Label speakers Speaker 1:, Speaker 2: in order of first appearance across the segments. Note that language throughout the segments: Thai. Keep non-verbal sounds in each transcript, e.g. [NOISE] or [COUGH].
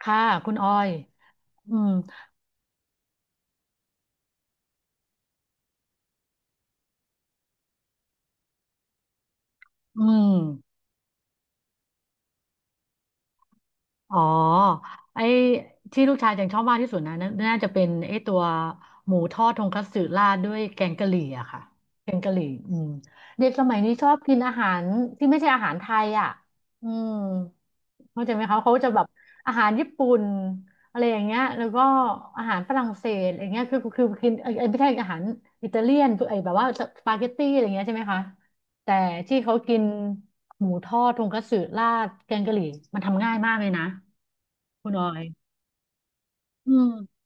Speaker 1: ค่ะคุณออยอืมอืมอ๋อไอ้ที่ลูกชายยังชอบมากที่สุดนะน่าจะเป็นไอ้ตัวหมูทอดทงคัตสึราดด้วยแกงกะหรี่อะค่ะแกงกะหรี่อืมเด็กสมัยนี้ชอบกินอาหารที่ไม่ใช่อาหารไทยอะอืมเข้าใจไหมคะเขาจะแบบอาหารญี่ปุ่นอะไรอย่างเงี้ยแล้วก็อาหารฝรั่งเศสอะไรเงี้ยคือกินไอ้ไม่ใช่อาหารอิตาเลียนไอ้แบบว่าสปาเกตตี้อะไรเงี้ยใช่ไหมคะ แต่ที่เขากิน หมูทอดทงคัตสึราดแกงกะหรี่มันทำง่ายมากเลยนะคุณออยอืม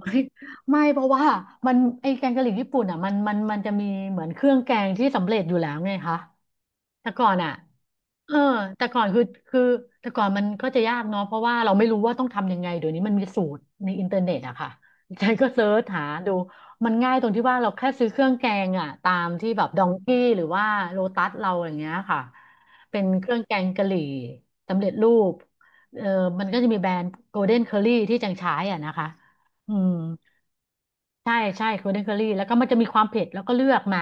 Speaker 1: ไม่ [LAUGHS] ไม่ เพราะว่ามันไอแกงกะหรี่ญี่ปุ่นอ่ะมันจะมีเหมือนเครื่องแกงที่สำเร็จอยู่แล้วไงคะ แต่ก่อนอ่ะเออแต่ก่อนคือแต่ก่อนมันก็จะยากเนาะเพราะว่าเราไม่รู้ว่าต้องทำยังไงเดี๋ยวนี้มันมีสูตรในอินเทอร์เน็ตอะค่ะฉันก็เซิร์ชหาดู มันง่ายตรงที่ว่าเราแค่ซื้อเครื่องแกงอ่ะตามที่แบบดองกี้หรือว่าโลตัสเราอย่างเงี้ยค่ะเป็นเครื่องแกงกะหรี่สำเร็จรูปเออมันก็จะมีแบรนด์โกลเด้นเคอรี่ที่จังใช้อ่ะนะคะ อืมใช่ใช่โคเดนเคอรี่แล้วก็มันจะมีความเผ็ดแล้วก็เลือกมา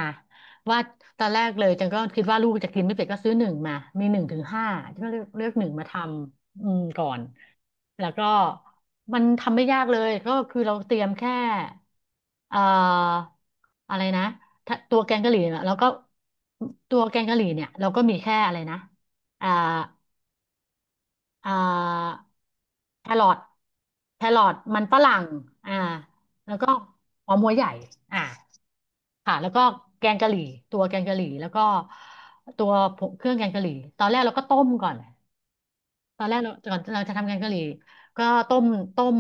Speaker 1: ว่าตอนแรกเลยจังก็คิดว่าลูกจะกินไม่เผ็ดก็ซื้อหนึ่งมามีหนึ่งถึงห้าจังก็เลือกหนึ่งมาทำอืมก่อนแล้วก็มันทำไม่ยากเลยก็คือเราเตรียมแค่เอ่ออะไรนะถ้าตัวแกงกะหรี่เน่ยแล้วก็ตัวแกงกะหรี่เนี่ยเราก็มีแค่อะไรนะอ่า อ่าแครอทมันฝรั่งอ่าแล้วก็หอมหัวใหญ่อ่าค่ะแล้วก็แกงกะหรี่ตัวแกงกะหรี่แล้วก็ตัวผงเครื่องแกงกะหรี่ตอนแรกเราก็ต้มก่อนตอนแรกเราก่อนเราจะทำแกงกะหรี่ก็ต้มต้ม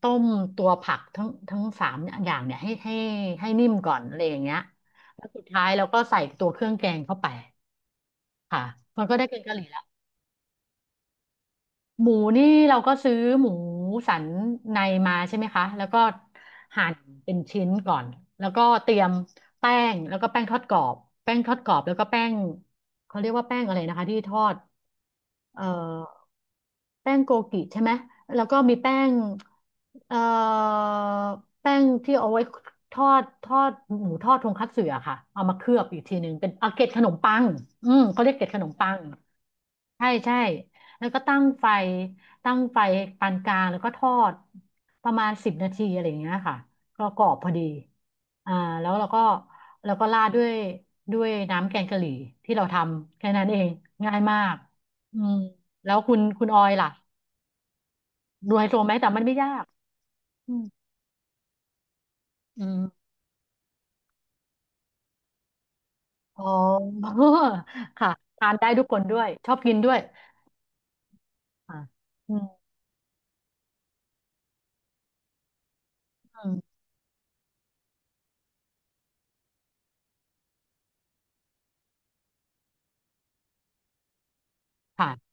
Speaker 1: ต้มตัวผักทั้งสามอย่างเนี่ยให้นิ่มก่อนอะไรอย่างเงี้ยแล้วสุดท้ายเราก็ใส่ตัวเครื่องแกงเข้าไปค่ะมันก็ได้แกงกะหรี่ละ หมูนี่เราก็ซื้อหมูสันในมาใช่ไหมคะ แล้วก็หั่นเป็นชิ้นก่อน แล้วก็เตรียมแป้งแล้วก็แป้งทอดกรอบแป้งทอดกรอบ แล้วก็แป้งเขาเรียกว่าแป้งอะไรนะคะที่ทอดเอ่อ แป้งโกกิใช่ไหมแล้วก็มีแป้งเอ่อแป้งที่เอาไว้ทอดหมูทอดทงคัตสึอะค่ะ เอามาเคลือบอีกทีหนึ่งเป็นอาเกล็ดขนมปังอืมเขาเรียกเกล็ดขนมปังใช่ใช่แล้วก็ตั้งไฟตั้งไฟปานกลางแล้วก็ทอดประมาณ10 นาทีอะไรอย่างเงี้ยค่ะก็กรอบพอดีอ่าแล้วเราก็ราดด้วยน้ำแกงกะหรี่ที่เราทำแค่นั้นเองง่ายมากอืม แล้วคุณออยล่ะดูไฮโซไหมแต่มันไม่ยากอืมอืมอ๋อ [LAUGHS] ค่ะทานได้ทุกคนด้วยชอบกินด้วยค่ะอืมอืมค่ะ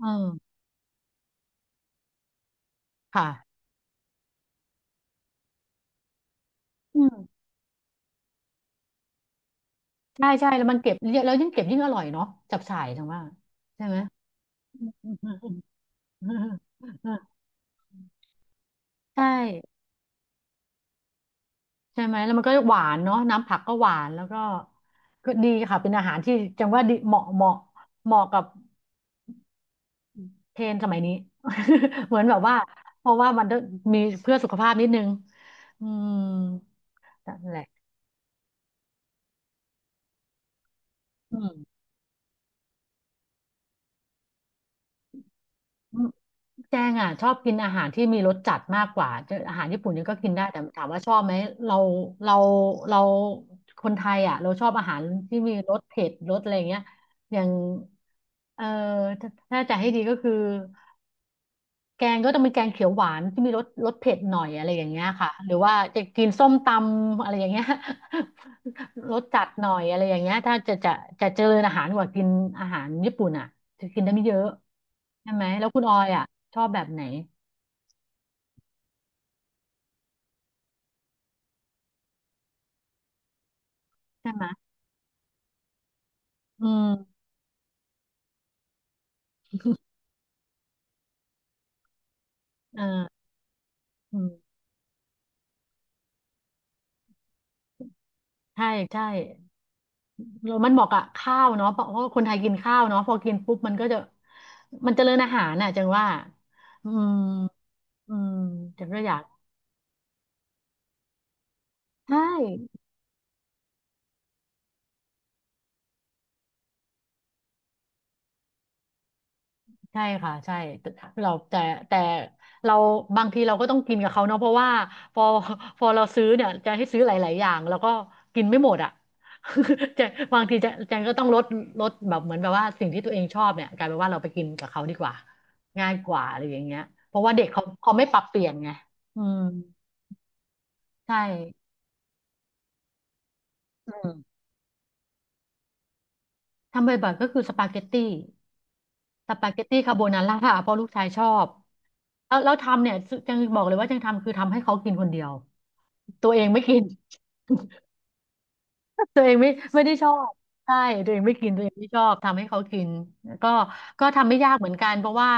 Speaker 1: อืมค่ะอืมใช่ใช่แล้วมันเก็บเยอะแล้วยิ่งเก็บยิ่งอร่อยเนาะจับฉ่ายจังว่าใช่ไหมอืมอืมอืมอืมอืม [LAUGHS] ใช่ใช่ไหมแล้วมันก็หวานเนาะน้ำผักก็หวานแล้วก็ก็ดีค่ะเป็นอาหารที่จังว่าดีเหมาะกับ เทรนด์สมัยนี้ [LAUGHS] เหมือนแบบว่าเพราะว่ามันต้องมีเพื่อสุขภาพนิดนึงอืมนั่นแหละอืมแจงอ่ะชอบกินอาหารที่มีรสจัดมากกว่าจะอาหารญี่ปุ่นเนี่ยก็กินได้แต่ถามว่าชอบไหมเราเราเราคนไทยอ่ะเราชอบอาหารที่มีรสเผ็ดอะไรอย่างเงี้ยอย่างเออถ้าจะให้ดีก็คือ แกงก็ต้องเป็นแกงเขียวหวานที่มีรสเผ็ดหน่อยอะไรอย่างเงี้ยค่ะหรือว่าจะกินส้มตำอะไรอย่างเงี้ย [LAUGHS] รสจัดหน่อยอะไรอย่างเงี้ยถ้าจะจะเจริญอาหารกว่ากินอาหารญี่ปุ่นอ่ะจะกินได้ไม่เยอะใช่ไหมแล้วคุณออยอ่ะชอบแบบไหนใช่ไหมอืมเอออืมใช่ใช่แล้วมันเหมาะกับข้าวเนาะเพราะว่าคนไทยกินข้าวเนาะพอกินปุ๊บมันก็จะมันเจริญอาหารน่ะจังว่าอืมอืมจังก็อยากใช่ ใช่ค่ะใช่แต่เราแต่แต่เราบางทีเราก็ต้องกินกับเขาเนาะเพราะว่าพอ [LAUGHS] พอเราซื้อเนี่ยจะให้ซื้อหลายๆอย่างแล้วก็กินไม่หมดอ่ะ [LAUGHS] จะบางทีจะแจงก็ต้องลดแบบเหมือนแบบว่าสิ่งที่ตัวเองชอบเนี่ยกลายเป็นว่าเราไปกินกับเขาดีกว่าง่ายกว่าอะไรอย่างเงี้ยเพราะว่าเด็กเขาไม่ปรับเปลี่ยนไงอืมใช่อืมทำบ่อยๆก็คือสปาเกตตี้สปาเกตตี้คาโบนาร่าเพราะลูกชายชอบแล้วทำเนี่ยจังบอกเลยว่าจังทำคือทำให้เขากินคนเดียว ตัวเองไม่กิน ตัวเองไม่ไม่ได้ชอบใช่ตัวเองไม่กินตัวเองไม่ชอบทำให้เขากินก็ก็ทำไม่ยากเหมือนกันเพราะว่า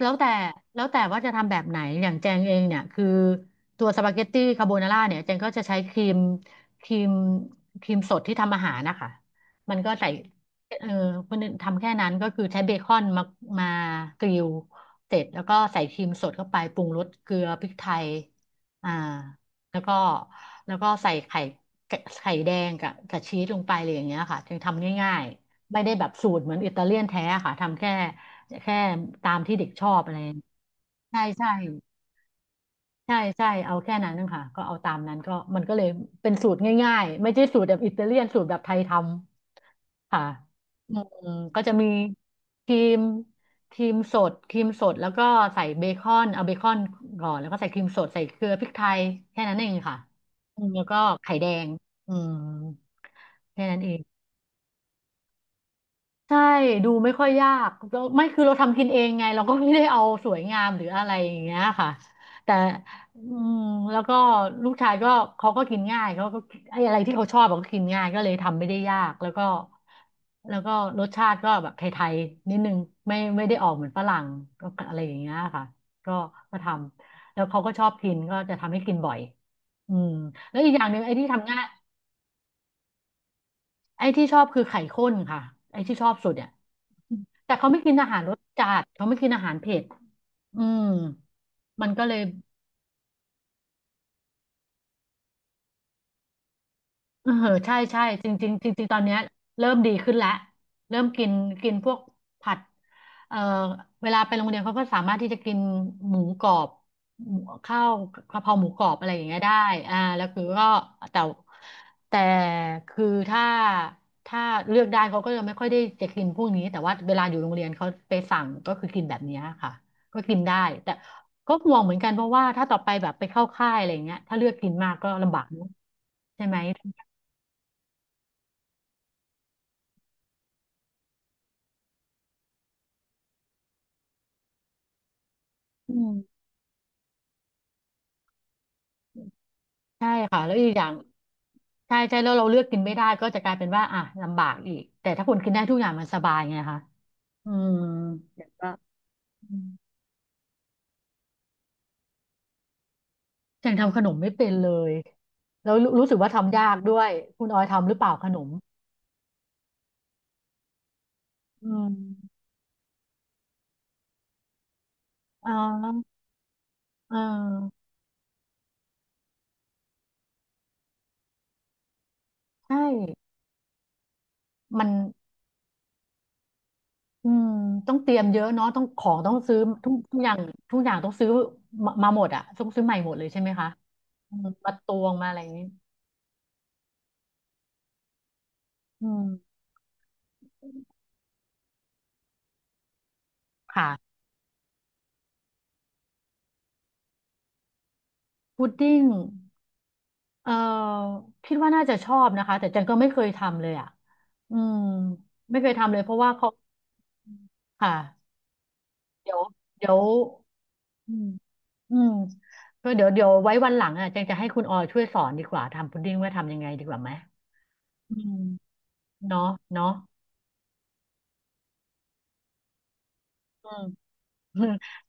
Speaker 1: แล้วแต่แล้วแต่ว่าจะทำแบบไหนอย่างแจงเองเนี่ยคือตัวสปาเกตตี้คาโบนาร่าเนี่ยแจงก็จะใช้ครีมครีมครีมสดที่ทำอาหารนะคะมันก็ใส่เออมันทำแค่นั้นก็คือใช้เบคอนมากริลเสร็จแล้วก็ใส่ครีมสดเข้าไปปรุงรสเกลือพริกไทยอ่าแล้วก็แล้วก็ใส่ไข่ ไข่แดงกับชีสลงไปเลยอย่างเงี้ยค่ะจึงทำง่ายๆไม่ได้แบบสูตรเหมือนอิตาเลียนแท้ค่ะทำแค่แค่ตามที่เด็กชอบอะไรใช่ใช่ ใช่ใช่เอาแค่นั้นนะคะก็เอาตามนั้นก็มันก็เลยเป็นสูตรง่ายๆไม่ใช่สูตรแบบอิตาเลียนสูตรแบบไทยทำค่ะอืมก็จะมีครีมครีมสดแล้วก็ใส่เบคอนเอาเบคอนก่อนแล้วก็ใส่ครีมสดใส่เกลือพริกไทยแค่นั้นเองค่ะอืมแล้วก็ไข่แดงอืมแค่นั้นเอง ใช่ดูไม่ค่อยยากแล้วไม่คือเราทำกินเองไงเราก็ไม่ได้เอาสวยงามหรืออะไรอย่างเงี้ยค่ะแต่อืมแล้วก็ลูกชายก็เขาก็กินง่ายเขาก็ไอ้อะไรที่เขาชอบเขาก็กินง่ายก็เลยทำไม่ได้ยากแล้วก็รสชาติก็แบบไทยๆนิดนึงไม่ได้ออกเหมือนฝรั่งก็อะไรอย่างเงี้ยค่ะก็ก็ทำแล้วเขาก็ชอบกินก็จะทำให้กินบ่อยอืมแล้วอีกอย่างหนึ่งไอ้ที่ทำง่าย ไอ้ที่ชอบคือไข่ข้นค่ะไอ้ที่ชอบสุดเนี่ยแต่เขาไม่กินอาหารรสจัดเขาไม่กินอาหารเผ็ดอืมมันก็เลย เออใช่ใช่จริงจริงจริงๆตอนเนี้ยเริ่มดีขึ้นแล้วเริ่มกินกินพวกผัดเอ่อเวลาไปโรงเรียนเขาก็สามารถที่จะกินหมูกรอบหมูข้าวกะเพราหมูกรอบอะไรอย่างเงี้ยได้อ่าแล้วคือก็แต่แต่คือถ้าเลือกได้เขาก็จะไม่ค่อยได้จะกินพวกนี้แต่ว่าเวลาอยู่โรงเรียนเขาไปสั่งก็คือกินแบบเนี้ยค่ะก็กินได้แต่ก็ห่วงเหมือนกันเพราะว่าถ้าต่อไปแบบไปเข้าค่ายอะไรอย่างเงี้ยถ้าเลือกกินมากก็ลำบากเนอะใช่ไหม อืมใช่ค่ะแล้วอีกอย่างใช่ใช่แล้วเราเลือกกินไม่ได้ก็จะกลายเป็นว่าอ่ะลำบากอีกแต่ถ้าคุณกินได้ทุกอย่างมันสบายไงคะอืมเดี๋ยวก็อืมยังทำขนมไม่เป็นเลยแล้วรู้สึกว่าทำยากด้วยคุณออยทำหรือเปล่าขนมอืมอ่าอ่าใช่มันอืมต้องเตรียมเยอะเนาะต้องของต้องซื้อทุกอย่างทุกอย่างต้องซื้อมาหมดอะต้องซื้อใหม่หมดเลยใช่ไหมคะอืมมาตวงมาอะไรอย่างนี้อืมค่ะ พุดดิ้งเอ่อคิดว่าน่าจะชอบนะคะแต่จันก็ไม่เคยทำเลยอ่ะอืมไม่เคยทำเลยเพราะว่าเขาค่ะเดี๋ยวเดี๋ยวอืมอืมก็เดี๋ยวไว้วันหลังอ่ะจันจะให้คุณออยช่วยสอนดีกว่าทำพุดดิ้งว่าทำยังไงดีกว่าไหมอืมเนาะเนาะอืม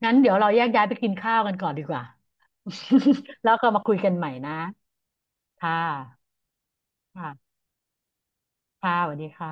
Speaker 1: [LAUGHS] งั้นเดี๋ยวเราแยกย้ายไปกินข้าวกันก่อนดีกว่า [LAUGHS] แล้วก็มาคุยกันใหม่นะค่ะค่ะค่ะสวัสดีค่ะ